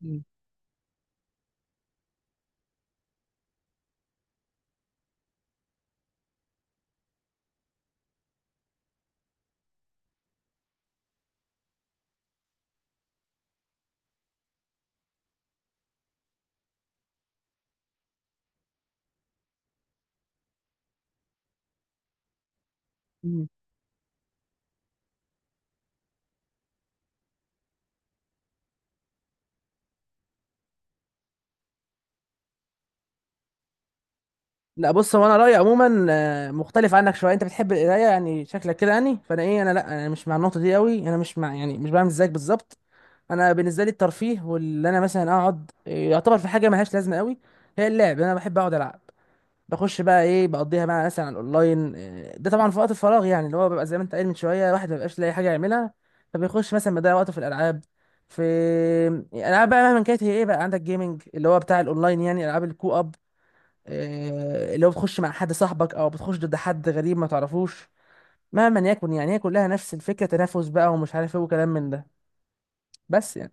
مم. مم. لا، بص، هو انا رايي عموما مختلف عنك شويه. انت بتحب القرايه، يعني شكلك كده. يعني فانا ايه انا لا انا مش مع النقطه دي قوي، انا مش مع، يعني مش بعمل زيك بالظبط. انا بالنسبه لي الترفيه، واللي انا مثلا اقعد يعتبر في حاجه ملهاش لازمه قوي. هي اللعب، انا بحب اقعد العب، بخش بقى بقضيها بقى مثلا على الاونلاين، ده طبعا في وقت الفراغ، يعني اللي هو بيبقى زي ما انت قايل من شويه، الواحد ما بيبقاش لاقي حاجه يعملها، فبيخش مثلا بيضيع وقته في الالعاب. في، يعني العاب بقى مهما كانت، هي ايه بقى، عندك جيمنج، اللي هو بتاع الاونلاين، يعني العاب الكو اب. لو بتخش مع حد صاحبك او بتخش ضد حد غريب ما تعرفوش، مهما يكن يعني، هي كلها نفس الفكره، تنافس بقى ومش عارف ايه، وكلام من ده. بس يعني،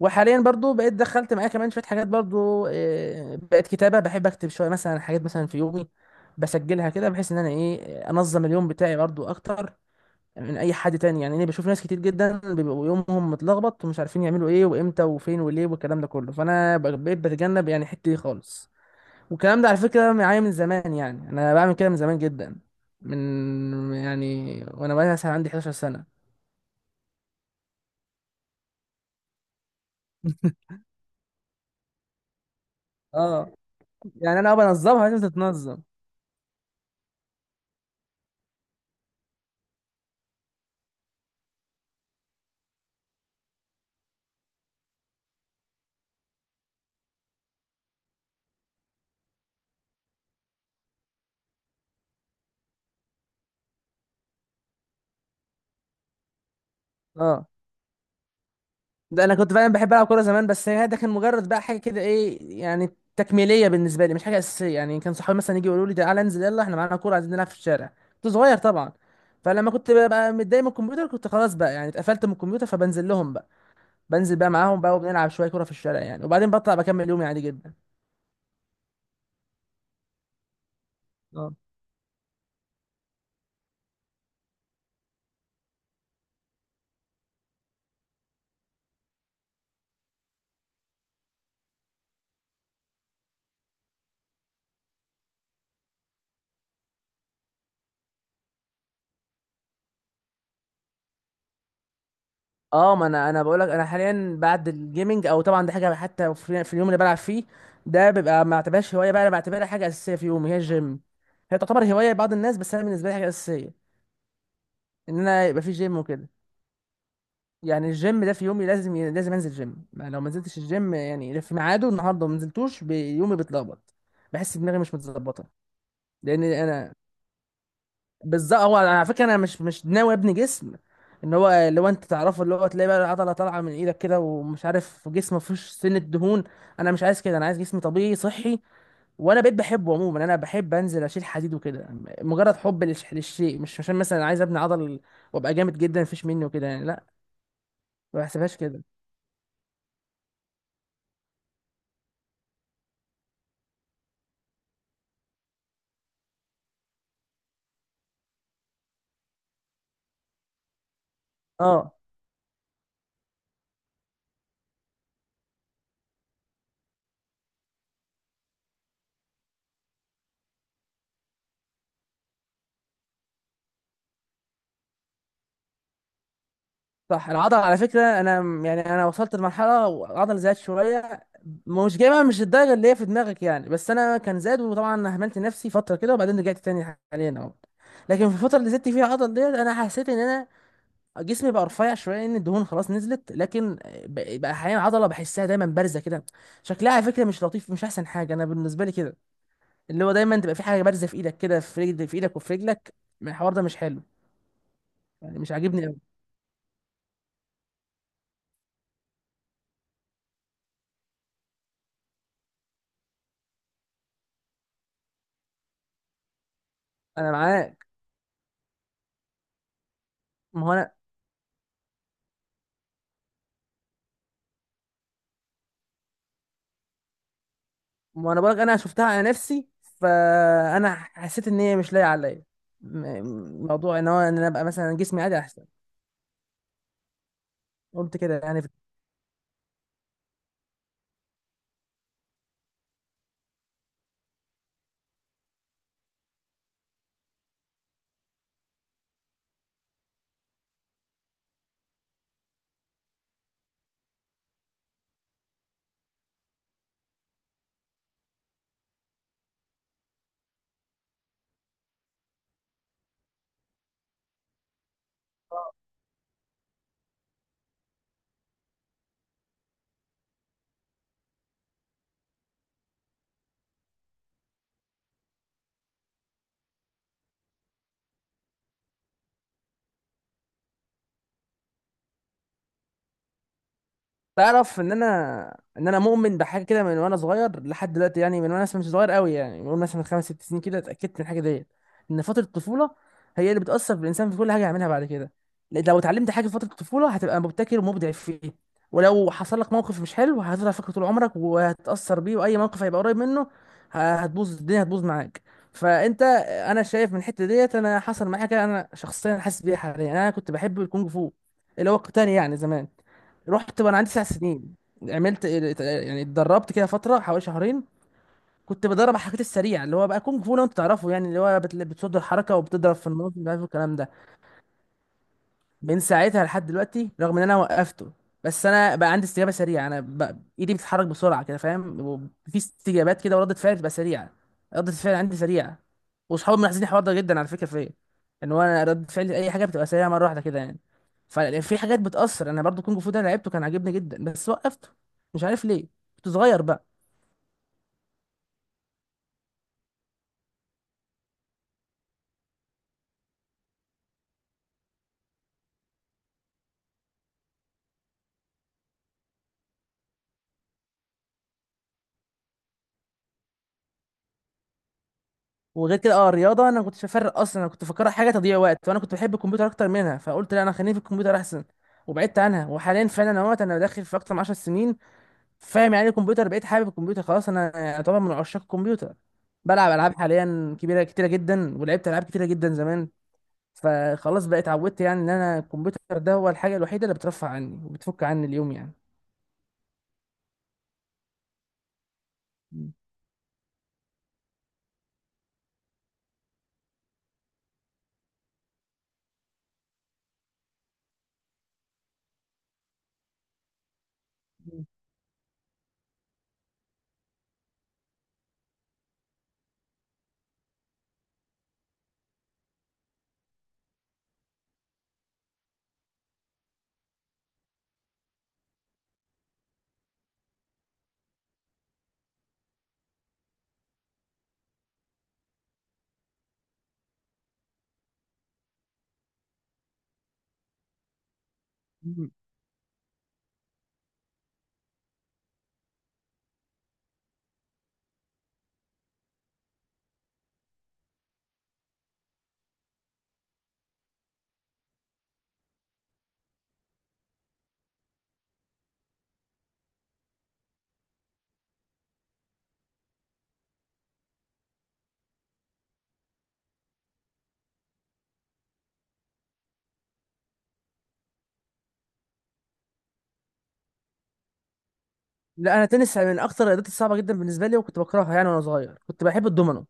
وحاليا برضو بقيت دخلت معايا كمان شويه حاجات برضو، بقت كتابه. بحب اكتب شويه مثلا حاجات مثلا في يومي، بسجلها كده بحيث ان انا انظم اليوم بتاعي برضو اكتر من اي حد تاني. يعني انا بشوف ناس كتير جدا بيبقوا يومهم متلخبط ومش عارفين يعملوا ايه وامتى وفين وليه والكلام ده كله، فانا بقيت بتجنب يعني الحته دي خالص. والكلام ده على فكرة معايا من زمان، يعني أنا بعمل كده من زمان جدا، من يعني وأنا بقى مثلا عندي 11 سنة. اه، يعني أنا بنظمها، لازم تتنظم. اه، ده أنا كنت فعلا بحب ألعب كورة زمان، بس هي ده كان مجرد بقى حاجة كده، إيه يعني، تكميلية بالنسبة لي، مش حاجة أساسية. يعني كان صحابي مثلا يجي يقولوا لي تعالى انزل يلا، إحنا معانا كورة عايزين نلعب في الشارع. كنت صغير طبعا، فلما كنت بقى متضايق من الكمبيوتر، كنت خلاص بقى، يعني اتقفلت من الكمبيوتر، فبنزل لهم بقى، بنزل بقى معاهم بقى وبنلعب شوية كورة في الشارع يعني. وبعدين بطلع بكمل يومي عادي جدا. اه. اه، ما انا بقول لك. انا حاليا بعد الجيمنج، او طبعا دي حاجه، حتى في اليوم اللي بلعب فيه ده بيبقى ما بعتبرهاش هوايه بقى، انا بعتبرها حاجه اساسيه في يومي، هي الجيم. هي تعتبر هوايه لبعض الناس، بس انا بالنسبه لي حاجه اساسيه ان انا يبقى في جيم وكده. يعني الجيم ده في يومي لازم، لازم انزل جيم، ما لو ما نزلتش الجيم يعني في ميعاده النهارده وما نزلتوش، يومي بيتلخبط، بحس دماغي مش متظبطه. لان انا، بالظبط هو على فكره انا مش ناوي ابني جسم، ان هو اللي هو انت تعرفه، اللي هو تلاقي بقى العضله طالعه من ايدك كده، ومش عارف، جسم ما فيهوش سنه دهون. انا مش عايز كده، انا عايز جسم طبيعي صحي. وانا بقيت بحبه عموما، انا بحب انزل اشيل حديد وكده، مجرد حب للشيء، مش عشان مثلا عايز ابني عضل وابقى جامد جدا مفيش مني وكده، يعني لا، ما بحسبهاش كده. اه صح، العضله على فكره انا يعني انا وصلت لمرحله العضله زادت شويه، مش جايبها مش الدرجه اللي هي في دماغك يعني، بس انا كان زاد، وطبعا اهملت نفسي فتره كده وبعدين رجعت تاني حاليا اهو. لكن في الفتره اللي زدت فيها العضله ديت انا حسيت ان انا جسمي بقى رفيع شويه، ان الدهون خلاص نزلت، لكن بقى احيانا العضله بحسها دايما بارزه كده. شكلها على فكره مش لطيف، مش احسن حاجه انا بالنسبه لي كده، اللي هو دايما تبقى في حاجه بارزه في ايدك كده، في رجل، في ايدك وفي رجلك. الحوار ده مش حلو يعني، مش عاجبني قوي. انا معاك، ما هو انا، ما انا بقولك انا شفتها على نفسي، فانا حسيت ان هي مش لايقه عليا، موضوع ان هو ان انا ابقى مثلا جسمي عادي احسن، قلت كده يعني. تعرف ان انا، مؤمن بحاجه كده من وانا صغير لحد دلوقتي، يعني من وانا مثلا مش صغير قوي، يعني من مثلا من خمس ست سنين كده اتاكدت من الحاجه ديت، ان فتره الطفوله هي اللي بتاثر في الانسان في كل حاجه يعملها بعد كده. لأن لو اتعلمت حاجه في فتره الطفوله هتبقى مبتكر ومبدع فيه، ولو حصل لك موقف مش حلو، هتفضل فاكره طول عمرك وهتتاثر بيه، واي موقف هيبقى قريب منه هتبوظ الدنيا، هتبوظ معاك. فانت، انا شايف من الحته ديت انا حصل معايا كده، انا شخصيا حاسس بيها حاليا. انا كنت بحب الكونج فو، اللي هو القتال يعني زمان، رحت وانا عندي 9 سنين، عملت يعني اتدربت كده فتره حوالي شهرين. كنت بدرب على الحاجات السريعه، اللي هو بقى كونج فو لو انت تعرفه، يعني اللي هو بتصد الحركه وبتضرب في النص، مش عارف الكلام ده. من ساعتها لحد دلوقتي، رغم ان انا وقفته، بس انا بقى عندي استجابه سريعه، انا بقى ايدي بتتحرك بسرعه كده، فاهم، وفي استجابات كده، وردة فعل بتبقى سريعه، ردة الفعل عندي سريعه. واصحابي ملاحظين الحوار ده جدا على فكره فيا، ان هو انا ردة فعلي اي حاجه بتبقى سريعه مره واحده كده يعني. ففي حاجات بتاثر، انا برضو كونج فو ده لعبته كان عاجبني جدا، بس وقفته، مش عارف ليه، كنت صغير بقى. وغير كده، اه الرياضه انا كنت بفرق اصلا، انا كنت فاكرها حاجه تضييع وقت، وانا كنت بحب الكمبيوتر اكتر منها، فقلت لا انا خليني في الكمبيوتر احسن، وبعدت عنها. وحاليا فعلا انا وقت انا داخل في اكتر من 10 سنين، فاهم يعني إيه الكمبيوتر، بقيت حابب الكمبيوتر خلاص، انا يعني طبعا من عشاق الكمبيوتر. بلعب العاب حاليا كبيره كتيره جدا، ولعبت العاب كتيره جدا زمان، فخلاص بقيت اتعودت يعني ان انا الكمبيوتر ده هو الحاجه الوحيده اللي بترفع عني وبتفك عني اليوم يعني. مم. مم. لا، انا تنس من اكتر الرياضات الصعبه جدا بالنسبه لي، وكنت بكرهها يعني. وانا صغير كنت بحب الدومينو،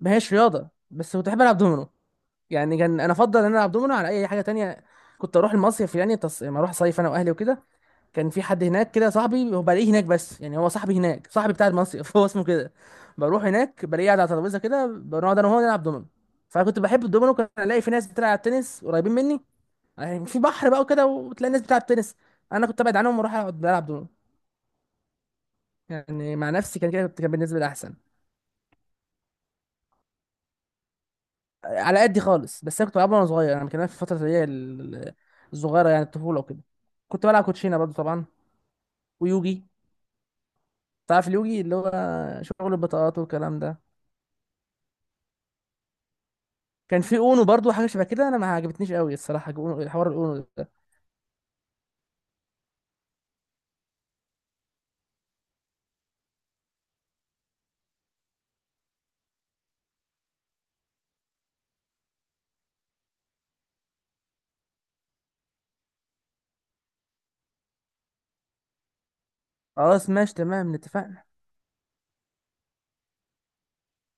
ما هيش رياضة بس كنت بحب ألعب دومينو. يعني كان أنا أفضل إن أنا ألعب دومينو على أي حاجة تانية. كنت أروح المصيف يعني لما أروح صيف أنا وأهلي وكده، كان في حد هناك كده صاحبي، هو بلاقيه هناك بس يعني هو صاحبي هناك، صاحبي بتاع المصيف هو اسمه كده. بروح هناك بلاقيه قاعد على ترابيزة كده، بنقعد أنا وهو نلعب دومينو. فكنت بحب الدومينو، كان ألاقي في ناس بتلعب تنس قريبين مني، يعني في بحر بقى وكده وتلاقي الناس بتلعب تنس، أنا كنت أبعد عنهم وأروح أقعد ألعب دومينو يعني مع نفسي. كان كده، كان بالنسبة لي أحسن. على قدي خالص، بس انا كنت بلعبها وانا صغير، انا كان في الفتره اللي هي الصغيره، يعني الطفوله وكده. كنت بلعب كوتشينه برضو طبعا، ويوجي. تعرف اليوجي اللي هو شغل البطاقات والكلام ده. كان في اونو برضو، حاجه شبه كده، انا ما عجبتنيش قوي الصراحه اونو، حوار الاونو ده. خلاص ماشي، تمام اتفقنا.